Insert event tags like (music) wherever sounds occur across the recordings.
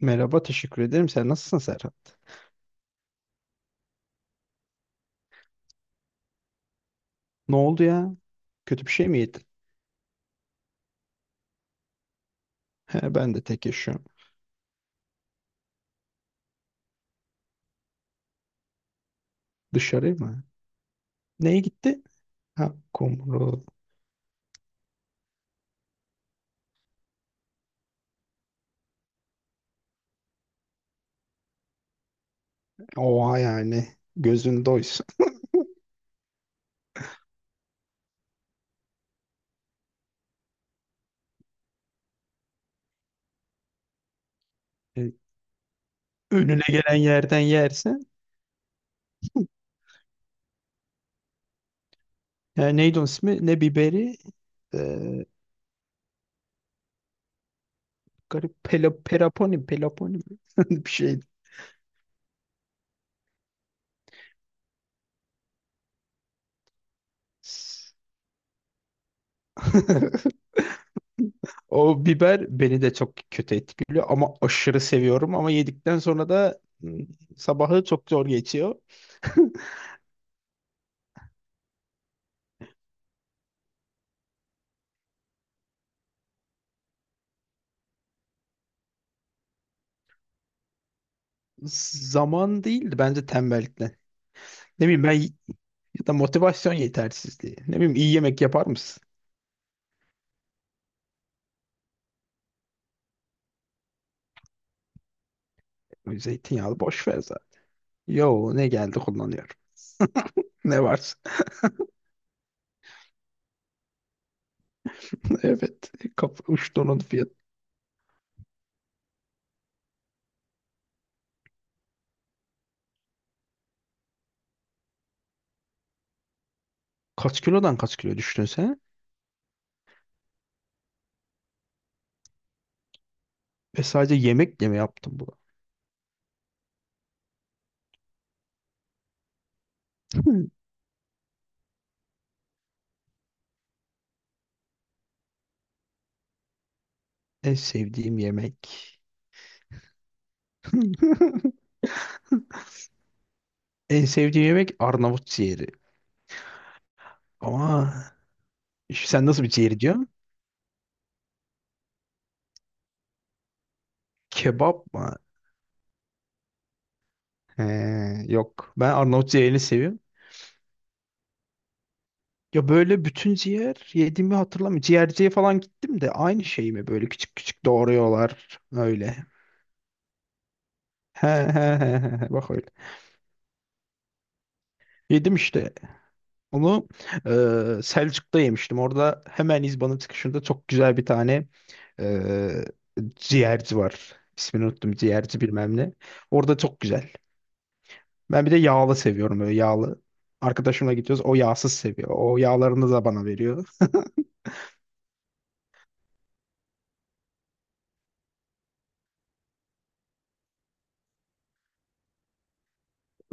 Merhaba, teşekkür ederim. Sen nasılsın Serhat? Ne oldu ya? Kötü bir şey mi yedin? He, ben de tek yaşıyorum. Dışarı mı? Neye gitti? Ha, kumru. Oha yani. Gözün doysun. E, Önüne gelen yerden yersen. Ya neydi onun ismi? Ne biberi? E, Garip pelo, peraponi, peloponi mi? (laughs) bir şeydi. (laughs) O biber beni de çok kötü etkiliyor ama aşırı seviyorum ama yedikten sonra da sabahı çok zor geçiyor. Zaman değildi bence tembellikten. Ne bileyim ben, ya da motivasyon yetersizliği. Ne bileyim, iyi yemek yapar mısın? Zeytinyağlı boş ver zaten. Yo, ne geldi kullanıyorum. Ne varsa. (laughs) Evet. Kap uçtu onun fiyatı. Kaç kilodan kaç kilo düştün sen? Ve sadece yemekle mi yaptın bunu? Hmm. En sevdiğim yemek. (laughs) En sevdiğim yemek Arnavut ciğeri. Ama işte sen nasıl bir ciğeri diyorsun? Kebap mı? He, yok. Ben Arnavut ciğerini seviyorum. Ya böyle bütün ciğer yediğimi hatırlamıyorum. Ciğerciye falan gittim de aynı şey mi, böyle küçük küçük doğruyorlar öyle. He he he he he. Bak öyle. Yedim işte. Onu Selçuk'ta yemiştim. Orada hemen İzban'ın çıkışında çok güzel bir tane e, ciğerci var. İsmini unuttum. Ciğerci bilmem ne. Orada çok güzel. Ben bir de yağlı seviyorum, böyle yağlı. Arkadaşımla gidiyoruz. O yağsız seviyor. O yağlarını da bana veriyor.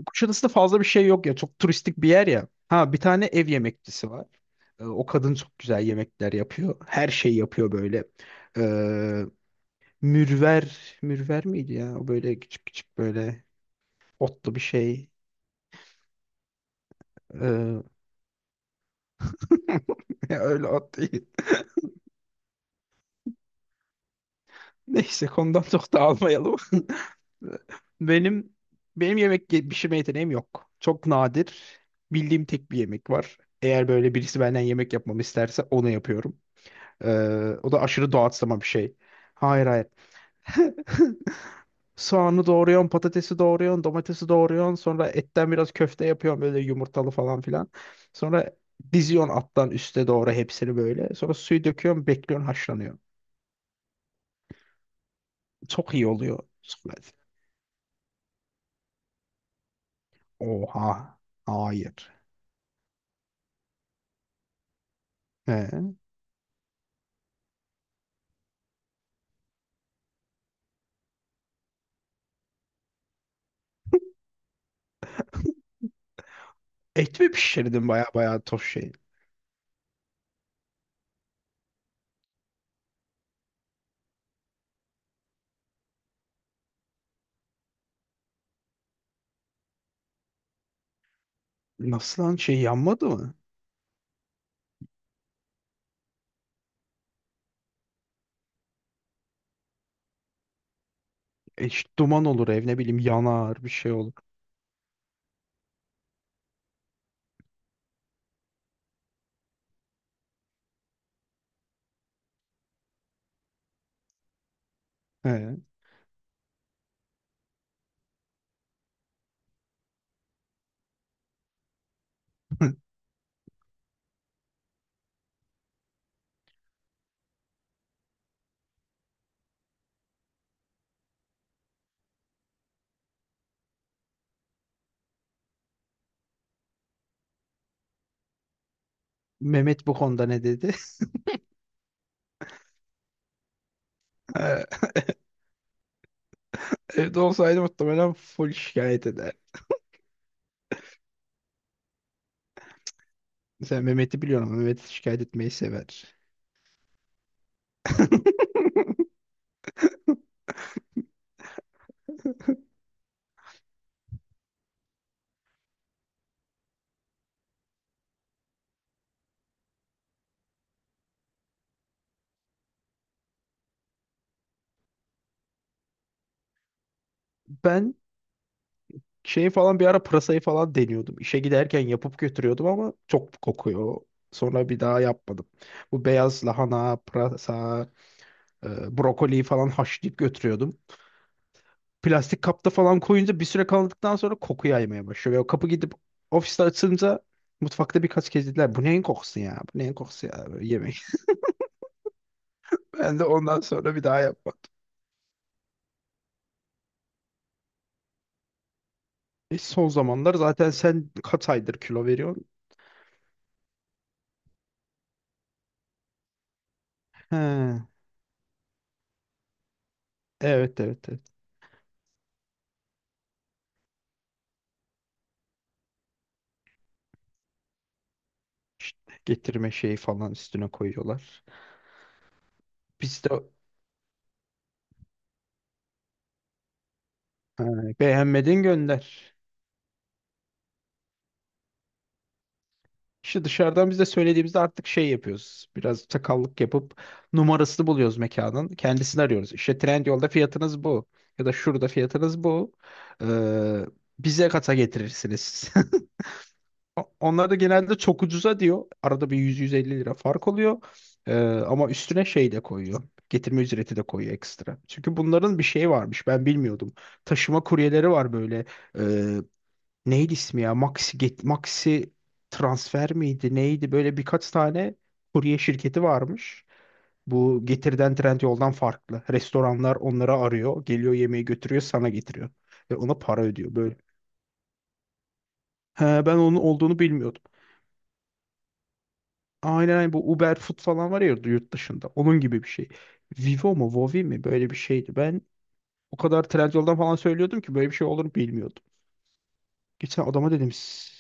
Kuşadası'nda fazla bir şey yok ya. Çok turistik bir yer ya. Ha, bir tane ev yemekçisi var. O kadın çok güzel yemekler yapıyor. Her şeyi yapıyor böyle. Ee, Mürver, mürver miydi ya? O böyle küçük küçük, böyle otlu bir şey. Ee, (laughs) öyle ot değil. Neyse, konudan çok da almayalım. (laughs) Benim benim yemek pişirme yeteneğim yok. Çok nadir. Bildiğim tek bir yemek var. Eğer böyle birisi benden yemek yapmamı isterse onu yapıyorum. O da aşırı doğaçlama bir şey. Hayır hayır. (laughs) Soğanı doğruyorsun, patatesi doğruyorsun, domatesi doğruyorsun. Sonra etten biraz köfte yapıyorsun, böyle yumurtalı falan filan. Sonra diziyorsun alttan üste doğru hepsini böyle. Sonra suyu döküyorsun, bekliyorsun, haşlanıyor. Çok iyi oluyor. Sonra- Oha. Hayır. He. Et mi pişirdin baya baya tof şey? Nasıl lan şey, yanmadı mı? İşte duman olur, ev ne bileyim yanar, bir şey olur. He. (laughs) Mehmet bu konuda ne dedi? (laughs) He. Evde olsaydı muhtemelen full şikayet eder. Sen Mehmet'i biliyorum. Mehmet şikayet etmeyi sever. Ben şey falan, bir ara pırasayı falan deniyordum. İşe giderken yapıp götürüyordum ama çok kokuyor. Sonra bir daha yapmadım. Bu beyaz lahana, pırasa, brokoli falan haşlayıp götürüyordum. Plastik kapta falan koyunca bir süre kaldıktan sonra koku yaymaya başlıyor. Ve o kapı gidip ofiste açılınca mutfakta birkaç kez dediler bu neyin kokusu ya? Bu neyin kokusu ya? Böyle yemek. (laughs) Ben de ondan sonra bir daha yapmadım. Son zamanlar zaten sen kaç aydır kilo veriyorsun? He, evet evet evet. İşte getirme şeyi falan üstüne koyuyorlar. Biz de he, beğenmedin gönder. İşte dışarıdan biz de söylediğimizde artık şey yapıyoruz. Biraz çakallık yapıp numarasını buluyoruz mekanın. Kendisini arıyoruz. İşte Trendyol'da fiyatınız bu. Ya da şurada fiyatınız bu. Ee, Bize kata getirirsiniz. (laughs) Onlar da genelde çok ucuza diyor. Arada bir 100-150 lira fark oluyor. Ee, Ama üstüne şey de koyuyor. Getirme ücreti de koyuyor ekstra. Çünkü bunların bir şeyi varmış. Ben bilmiyordum. Taşıma kuryeleri var böyle. Ee, Neydi ismi ya? Maxi Get, Maxi transfer miydi? Neydi? Böyle birkaç tane kurye şirketi varmış. Bu Getir'den Trendyol'dan farklı. Restoranlar onları arıyor. Geliyor yemeği götürüyor, sana getiriyor. Ve ona para ödüyor böyle. He, ben onun olduğunu bilmiyordum. Aynen aynen, bu Uber Food falan var ya yurt dışında. Onun gibi bir şey. Vivo mu Vovi mi, böyle bir şeydi. Ben o kadar Trendyol'dan falan söylüyordum ki böyle bir şey olduğunu bilmiyordum. Geçen adama dedim "S-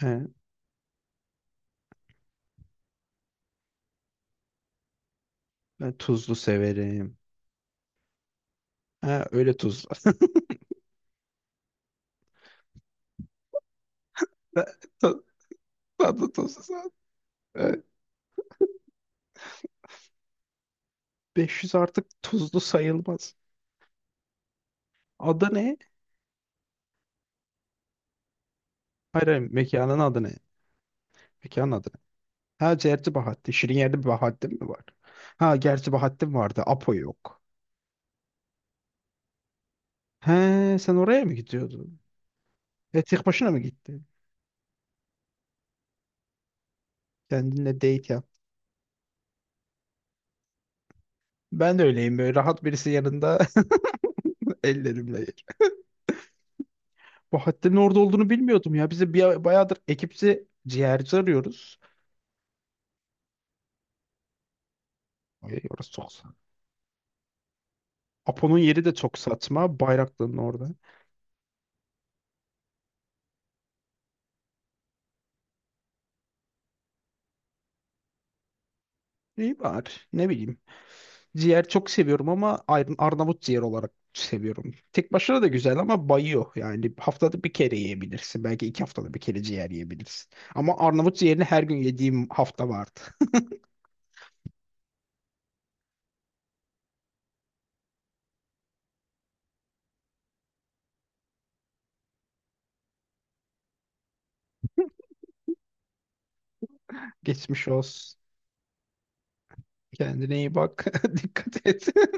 he, ben tuzlu severim. He, öyle tuz. (laughs) Ta- Tatlı tuzlu saat. Evet. 500 artık tuzlu sayılmaz. Adı ne? Hayır, hayır, mekanın adı ne? Mekanın adı ne? Ha, Cerci Bahattin. Şirin yerde bir Bahattin mi var? Ha gerçi Bahattin vardı. Apo yok. He, sen oraya mı gidiyordun? E tek başına mı gittin? Kendinle date yap. Ben de öyleyim, böyle rahat birisi yanında (laughs) ellerimle yer. Bahattin'in orada olduğunu bilmiyordum ya. Bize bir, bayağıdır ekipçi ciğerci arıyoruz. Ay, orası çok saçma. Apo'nun yeri de çok saçma. Bayraklı'nın orada. İyi var. Ne bileyim. Ciğer çok seviyorum ama Arnavut ciğer olarak seviyorum. Tek başına da güzel ama bayıyor. Yani haftada bir kere yiyebilirsin. Belki iki haftada bir kere ciğer yiyebilirsin. Ama Arnavut ciğerini her gün yediğim hafta vardı. (laughs) Geçmiş olsun. Kendine iyi bak. (laughs) Dikkat et. (laughs)